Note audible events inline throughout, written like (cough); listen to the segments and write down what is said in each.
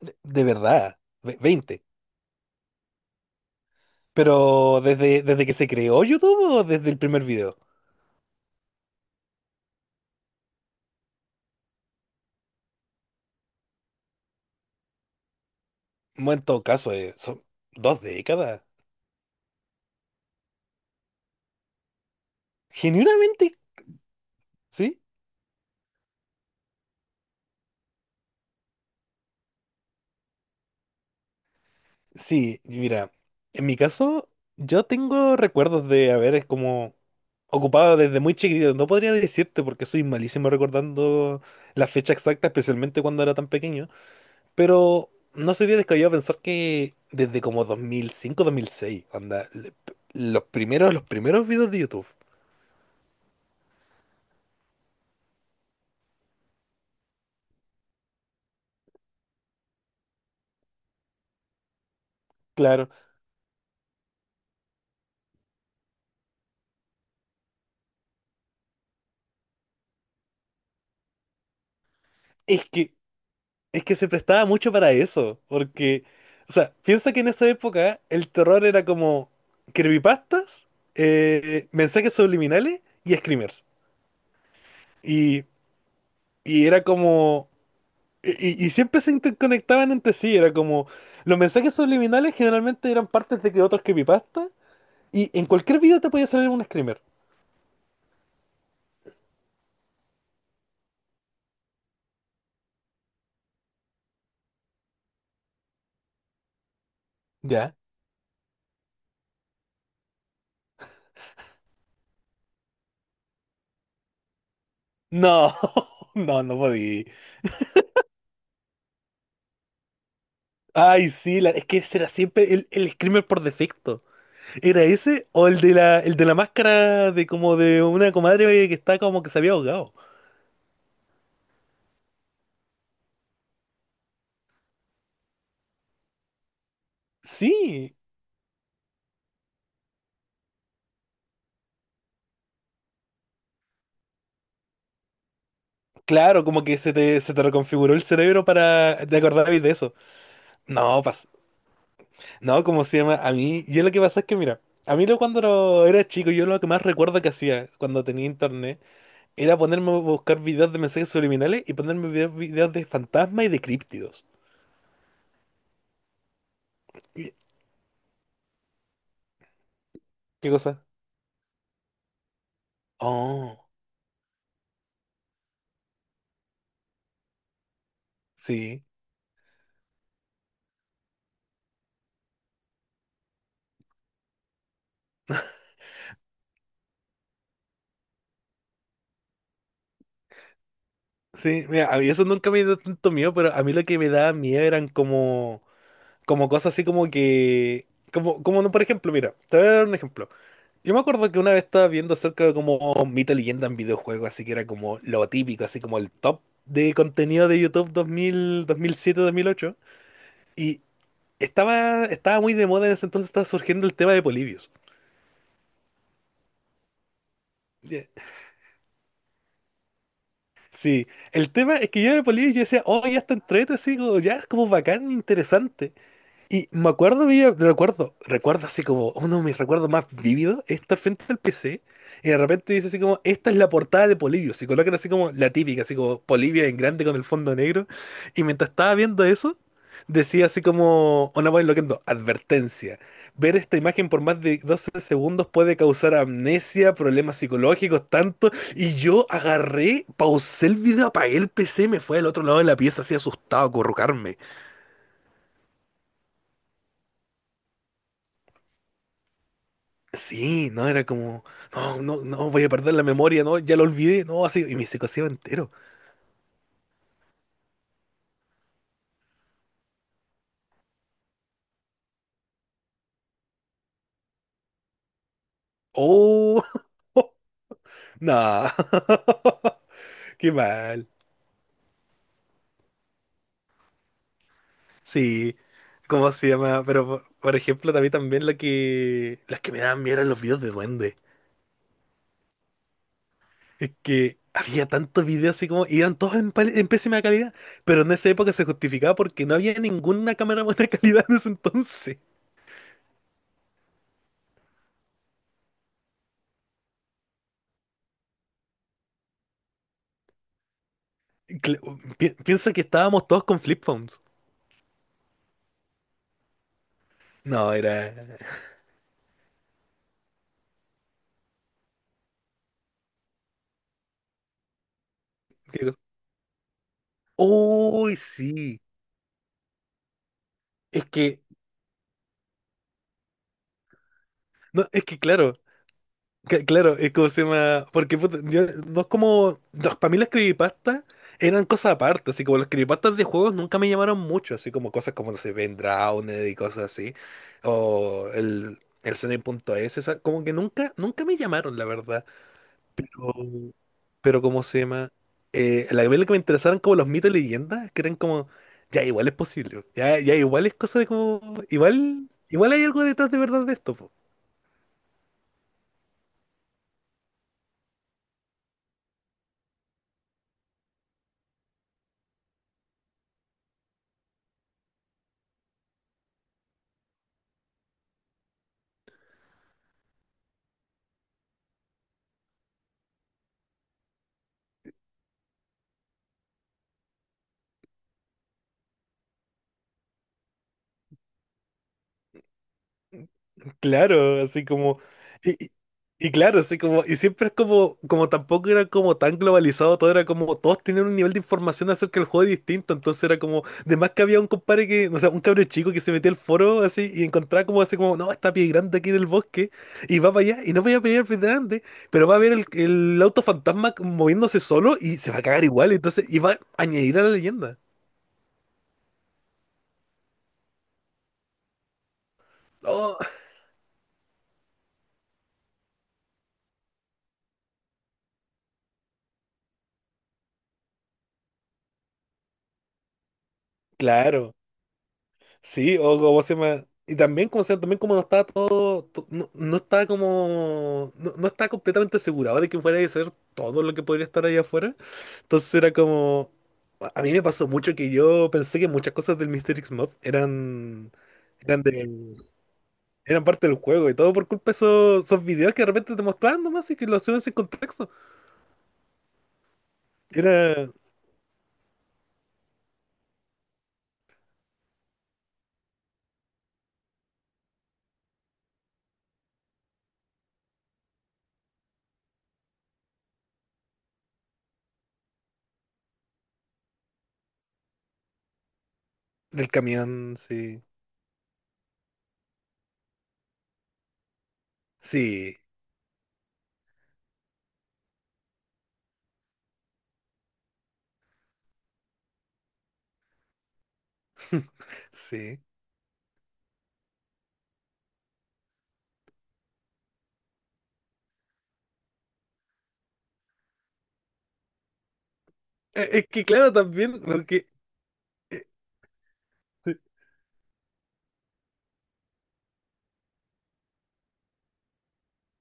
De verdad, 20. Pero desde que se creó YouTube o desde el primer video. Bueno, en todo caso, son 2 décadas. Genuinamente, ¿sí? Sí, mira, en mi caso, yo tengo recuerdos de haber es como ocupado desde muy chiquitito. No podría decirte porque soy malísimo recordando la fecha exacta, especialmente cuando era tan pequeño. Pero no sería descabellado pensar que desde como dos mil cinco 2006 anda, los primeros videos de YouTube. Claro, es que, es que se prestaba mucho para eso, porque, o sea, piensa que en esa época el terror era como creepypastas, mensajes subliminales y screamers. Y, y era como, y siempre se interconectaban entre sí, era como, los mensajes subliminales generalmente eran partes de que otros creepypastas, y en cualquier video te podía salir un screamer. ¿Ya? No, (laughs) no, no podía. Ay, sí, es que ese era siempre el screamer por defecto. ¿Era ese o el de la, máscara de como de una comadre que está como que se había ahogado? Sí, claro, como que se te reconfiguró el cerebro para te acordabas de eso. No, no, ¿cómo se llama? A mí, yo lo que pasa es que, mira, a mí lo, cuando lo- era chico, yo lo que más recuerdo que hacía cuando tenía internet era ponerme a buscar videos de mensajes subliminales y ponerme videos de fantasmas y de críptidos. Y- ¿Qué cosa? Oh, sí. Sí, mira, a mí eso nunca me dio tanto miedo, pero a mí lo que me daba miedo eran como, como cosas así como que, como no, por ejemplo, mira, te voy a dar un ejemplo. Yo me acuerdo que una vez estaba viendo acerca de como mito, leyenda en videojuegos, así que era como lo típico, así como el top de contenido de YouTube 2000, 2007, 2008, y estaba muy de moda en ese entonces, estaba surgiendo el tema de Polybius. Ya, sí, el tema es que yo de Polybius yo decía, oh, ya está entrete, así como, ya es como bacán, interesante. Y me acuerdo, recuerdo así como uno de mis recuerdos más vívidos es estar frente al PC y de repente dice así como, esta es la portada de Polibio. Se colocan así como la típica, así como Polibio en grande con el fondo negro. Y mientras estaba viendo eso, decía así como, una voz enloquendo, advertencia. Ver esta imagen por más de 12 segundos puede causar amnesia, problemas psicológicos, tanto. Y yo agarré, pausé el video, apagué el PC, me fui al otro lado de la pieza así asustado a currucarme. Sí, no, era como, no, no, no, voy a perder la memoria, no, ya lo olvidé, no, así, y me se entero. Oh, (laughs) no, (laughs) qué mal. Sí, ¿cómo se llama? Pero, por ejemplo, también las que me daban miedo eran los videos de duende. Es que había tantos videos así como, y eran todos en pésima calidad, pero en esa época se justificaba porque no había ninguna cámara buena calidad en ese entonces. Cla- Piensa que estábamos todos con flip phones. No, era... Uy, sí. Es que, no, es que claro, claro, es como se llama. Porque puta, no es como. No, para mí las creepypastas eran cosas aparte. Así como las creepypastas de juegos nunca me llamaron mucho. Así como cosas como, no sé, Ben Drowned y cosas así. O el Sonic punto es como que nunca, me llamaron, la verdad. Pero ¿cómo se llama? La que me interesaron como los mitos y leyendas, que eran como, ya igual es posible, ya igual es cosa de como, igual hay algo detrás de verdad de esto. Claro, así como, y, y- y claro, así como, y siempre es como, como tampoco era como tan globalizado todo, era como todos tenían un nivel de información acerca del juego distinto, entonces era como, de más que había un compadre que, o sea, un cabro chico que se metía al foro así y encontraba como así como, no, está pie grande aquí en el bosque, y va para allá, y no voy a pelear pie grande, pero va a ver el, auto fantasma moviéndose solo y se va a cagar igual, entonces, y va a añadir a la leyenda. Oh, claro. Sí, o como se llama. Y también como, se llama, también como no estaba todo, no estaba como, no estaba completamente asegurado de que fuera a ser todo lo que podría estar ahí afuera. Entonces era como, a mí me pasó mucho que yo pensé que muchas cosas del Mystery X Mod eran de, eran parte del juego y todo por culpa de esos videos que de repente te mostraban nomás y que lo hacían sin contexto. Era del camión, sí, sí, sí. Es que claro, también, porque,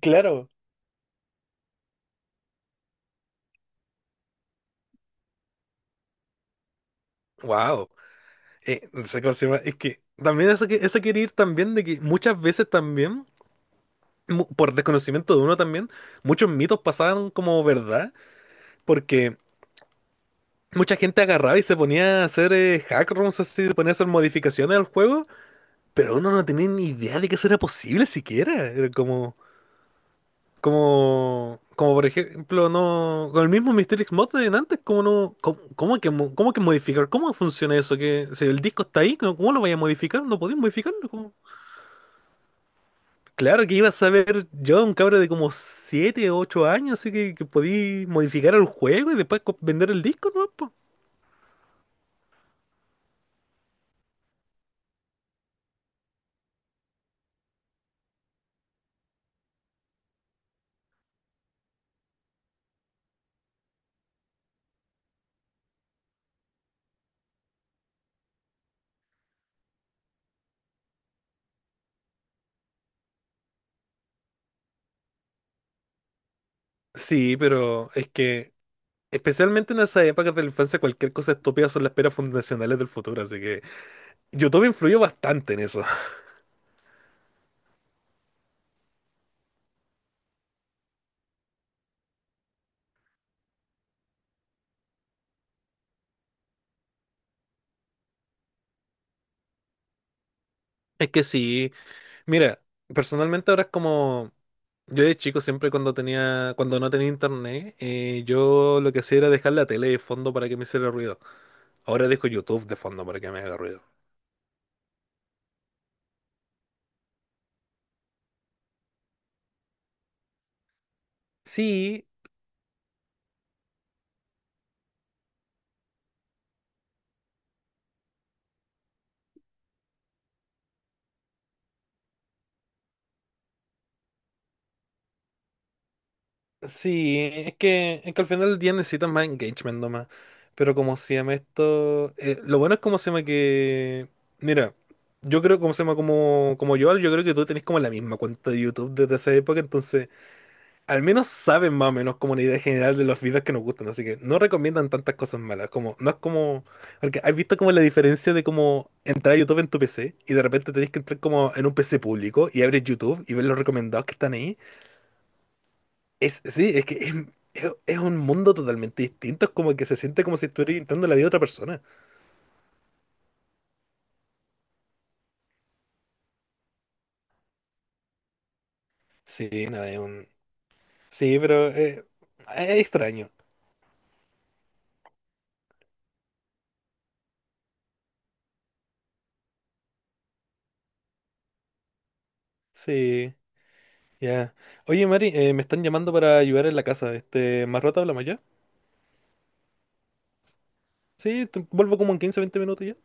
claro, wow. No sé cómo se llama. Es que también eso, eso quiere ir también de que muchas veces también, por desconocimiento de uno también, muchos mitos pasaban como verdad, porque mucha gente agarraba y se ponía a hacer hack rooms así, se ponía a hacer modificaciones al juego, pero uno no tenía ni idea de que eso era posible siquiera. Era como por ejemplo, no, con el mismo Mystery X Mod de antes, como no, cómo que, cómo que modificar, cómo funciona eso, que si el disco está ahí, ¿cómo lo vaya a modificar? No podéis modificarlo, ¿cómo? Claro que ibas a ver yo, un cabro de como 7 o 8 años, así que podí modificar el juego y después vender el disco, ¿no? po? Sí, pero es que especialmente en esas épocas de la infancia cualquier cosa estúpida son las peras fundacionales del futuro, así que YouTube influyó bastante en eso. Es que sí, mira, personalmente ahora es como yo de chico siempre cuando tenía, cuando no tenía internet, yo lo que hacía era dejar la tele de fondo para que me hiciera ruido. Ahora dejo YouTube de fondo para que me haga ruido. Sí, sí, es que al final del día necesitas más engagement nomás. Pero como se llama esto. Lo bueno es como se llama que. Mira, yo creo como se llama como, como yo creo que tú tenés como la misma cuenta de YouTube desde esa época. Entonces, al menos saben más o menos como una idea general de los videos que nos gustan. Así que no recomiendan tantas cosas malas. Como, no es como. Porque has visto como la diferencia de como entrar a YouTube en tu PC y de repente tenés que entrar como en un PC público y abres YouTube y ves los recomendados que están ahí. Sí, es que es un mundo totalmente distinto, es como que se siente como si estuvieras intentando la vida de otra persona. Sí, no, es un... Sí, pero es extraño. Sí, ya. Oye, Mari, me están llamando para ayudar en la casa. Este, ¿más rato hablamos ya? Sí, vuelvo como en 15, 20 minutos ya.